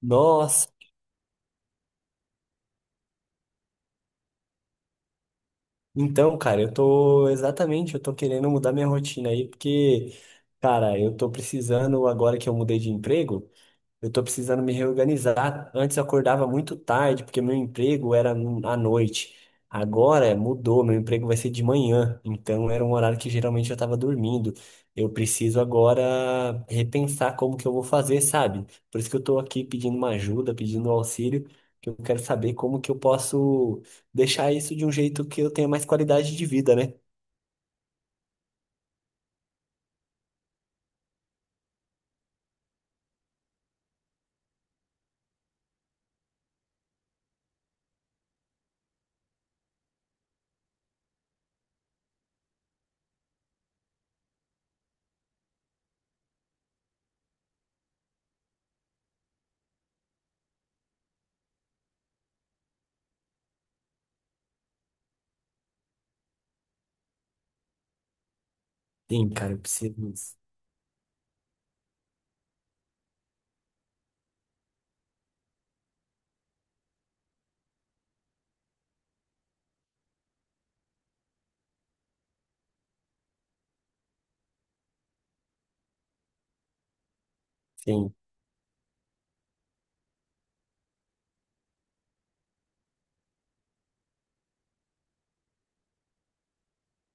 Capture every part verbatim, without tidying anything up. Nossa, então, cara, eu tô exatamente, eu tô querendo mudar minha rotina aí, porque, cara, eu tô precisando, agora que eu mudei de emprego, eu tô precisando me reorganizar. Antes eu acordava muito tarde, porque meu emprego era no- à noite. Agora mudou, meu emprego vai ser de manhã. Então era um horário que geralmente eu tava dormindo. Eu preciso agora repensar como que eu vou fazer, sabe? Por isso que eu tô aqui pedindo uma ajuda, pedindo um auxílio, que eu quero saber como que eu posso deixar isso de um jeito que eu tenha mais qualidade de vida, né? Sim, cara, eu preciso. Sim.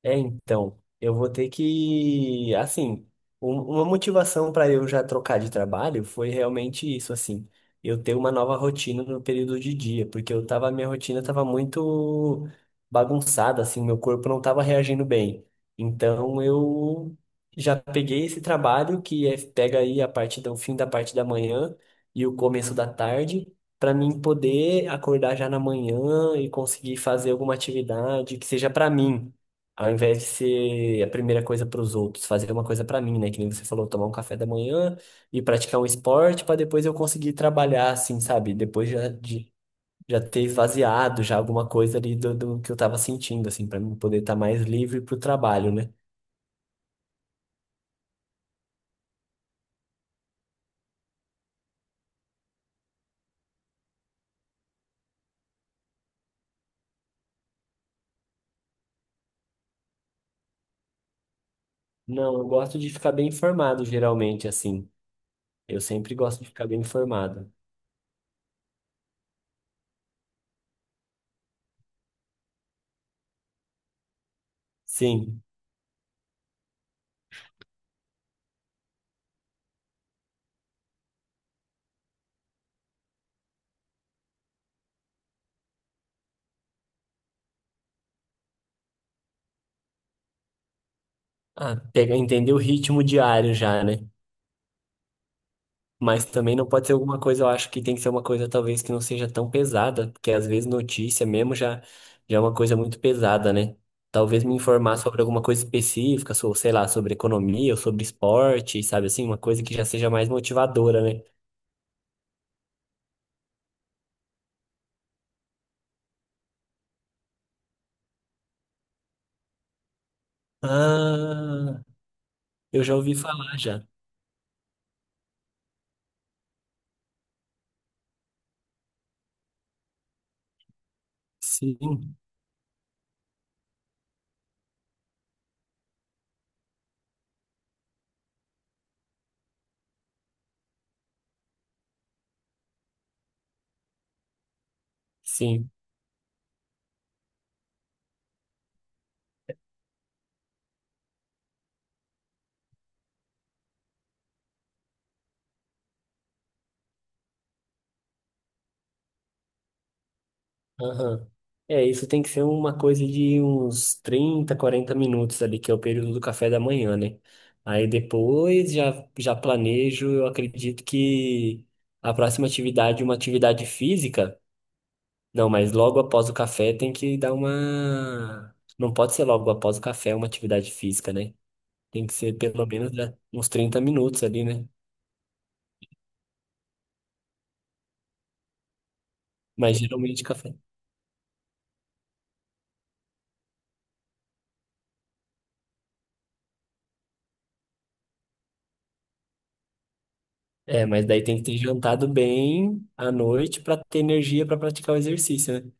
É, então, eu vou ter que, assim, um- uma motivação para eu já trocar de trabalho foi realmente isso, assim, eu ter uma nova rotina no período de dia, porque eu tava, minha rotina tava muito bagunçada, assim, meu corpo não tava reagindo bem. Então, eu já peguei esse trabalho que é, pega aí a parte do o fim da parte da manhã e o começo da tarde. Para mim poder acordar já na manhã e conseguir fazer alguma atividade que seja para mim, ao invés de ser a primeira coisa para os outros, fazer uma coisa para mim, né? Que nem você falou, tomar um café da manhã e praticar um esporte para depois eu conseguir trabalhar, assim, sabe? Depois já de já ter esvaziado já alguma coisa ali do, do que eu tava sentindo, assim, para mim poder estar mais livre para o trabalho, né? Não, eu gosto de ficar bem informado, geralmente, assim. Eu sempre gosto de ficar bem informado. Sim. Ah, pega, entender o ritmo diário já, né? Mas também não pode ser alguma coisa, eu acho que tem que ser uma coisa talvez que não seja tão pesada, porque às vezes notícia mesmo já, já é uma coisa muito pesada, né? Talvez me informar sobre alguma coisa específica, so- sei lá, sobre economia ou sobre esporte, sabe assim, uma coisa que já seja mais motivadora, né? Ah, eu já ouvi falar já. Sim, sim. Aham. É, isso tem que ser uma coisa de uns trinta quarenta minutos ali, que é o período do café da manhã, né? Aí depois já, já planejo, eu acredito que a próxima atividade, uma atividade física. Não, mas logo após o café tem que dar uma. Não pode ser logo após o café uma atividade física, né? Tem que ser pelo menos né, uns trinta minutos ali, né? Mas geralmente café. É, mas daí tem que ter jantado bem à noite para ter energia para praticar o exercício, né?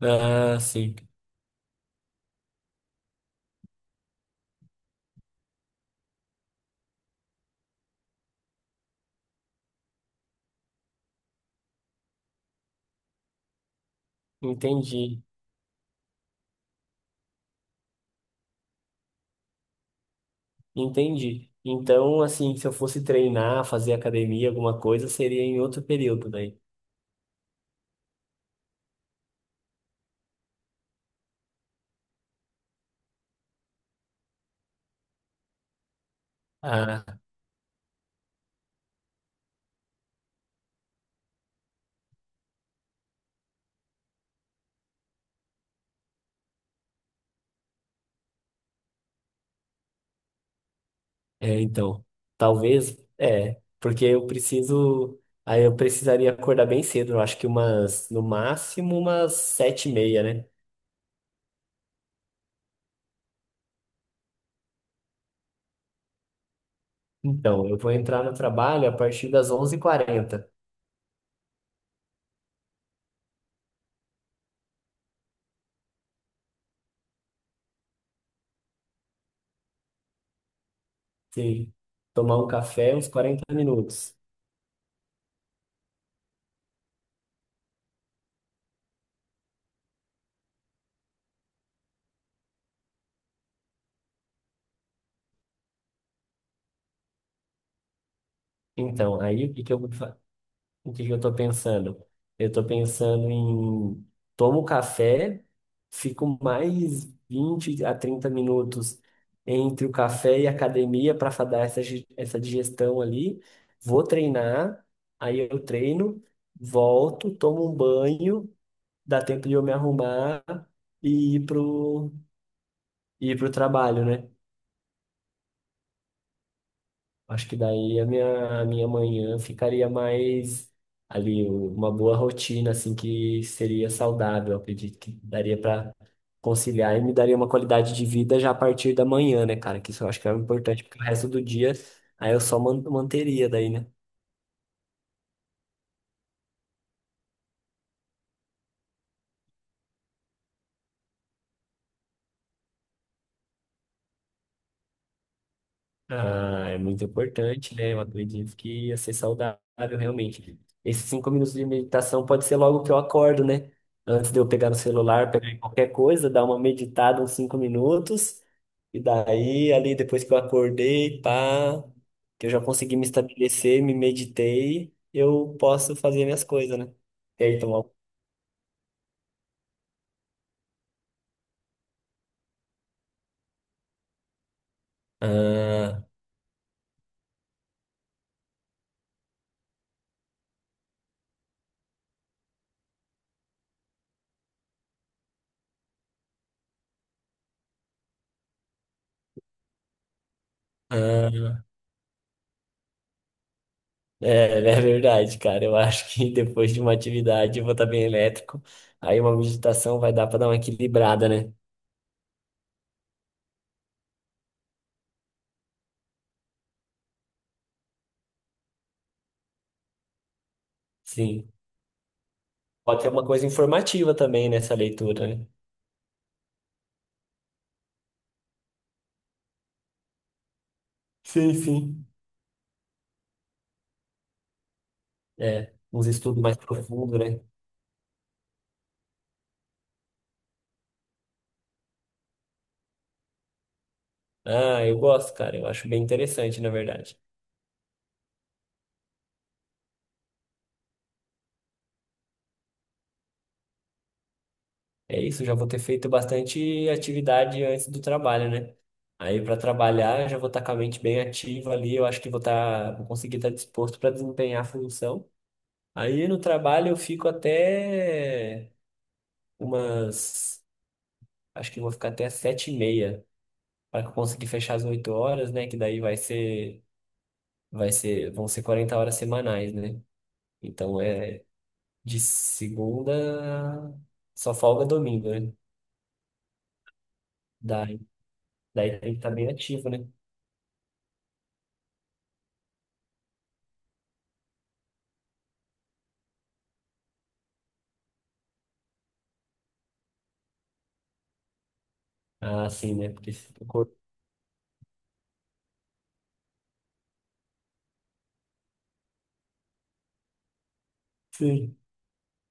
Ah, sim. Entendi. Entendi. Então, assim, se eu fosse treinar, fazer academia, alguma coisa, seria em outro período, daí. Ah, é, então. Talvez, é, porque eu preciso. Aí eu precisaria acordar bem cedo, eu acho que umas, no máximo, umas sete e meia, né? Então, eu vou entrar no trabalho a partir das onze e quarenta. Sim. Tomar um café, uns quarenta minutos. Então, aí o que que eu vou fazer? O que que eu tô pensando? Eu tô pensando em tomo café, fico mais vinte a trinta minutos entre o café e a academia para dar essa, gi- essa digestão ali. Vou treinar, aí eu treino, volto, tomo um banho, dá tempo de eu me arrumar e ir pro, ir pro trabalho, né? Acho que daí a minha, a minha manhã ficaria mais ali, uma boa rotina, assim, que seria saudável. Eu acredito que daria para conciliar e me daria uma qualidade de vida já a partir da manhã, né, cara? Que isso eu acho que é importante, porque o resto do dia aí eu só man- manteria daí, né? Ah, é muito importante, né? Eu acredito que ia ser saudável, realmente. Esses cinco minutos de meditação pode ser logo que eu acordo, né? Antes de eu pegar no celular, pegar em qualquer coisa, dar uma meditada uns cinco minutos. E daí, ali, depois que eu acordei, pá, que eu já consegui me estabelecer, me meditei, eu posso fazer minhas coisas, né? E aí, tomar. um- Ah, ah. É, é verdade, cara. Eu acho que depois de uma atividade eu vou estar bem elétrico. Aí uma meditação vai dar para dar uma equilibrada, né? Sim. Pode ser uma coisa informativa também nessa leitura, né? Sim, sim. É, uns estudos mais profundos, né? Ah, eu gosto, cara. Eu acho bem interessante, na verdade. É isso, já vou ter feito bastante atividade antes do trabalho, né? Aí para trabalhar, já vou estar com a mente bem ativa ali. Eu acho que vou estar, vou conseguir estar disposto para desempenhar a função. Aí no trabalho eu fico até umas. Acho que eu vou ficar até as sete e meia para conseguir fechar as oito horas, né? Que daí vai ser, vai ser, vão ser quarenta horas semanais, né? Então é de segunda só folga domingo, né? Daí, daí tem que estar bem ativo, né? Ah, sim, né? Porque se o corpo, sim,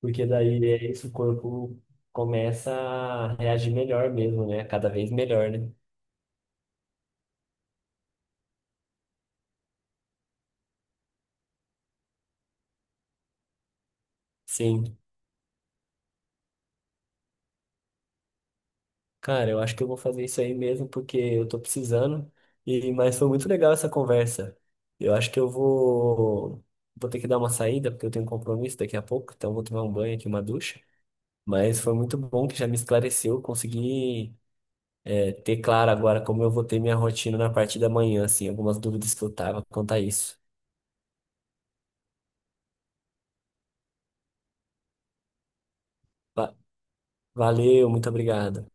porque daí é isso, o corpo começa a reagir melhor mesmo, né? Cada vez melhor, né? Sim. Cara, eu acho que eu vou fazer isso aí mesmo porque eu tô precisando. E mas foi muito legal essa conversa. Eu acho que eu vou vou ter que dar uma saída porque eu tenho um compromisso daqui a pouco, então eu vou tomar um banho aqui, uma ducha. Mas foi muito bom que já me esclareceu, consegui é, ter claro agora como eu vou ter minha rotina na parte da manhã, assim, algumas dúvidas que eu tava quanto a isso. Va- Valeu, muito obrigado.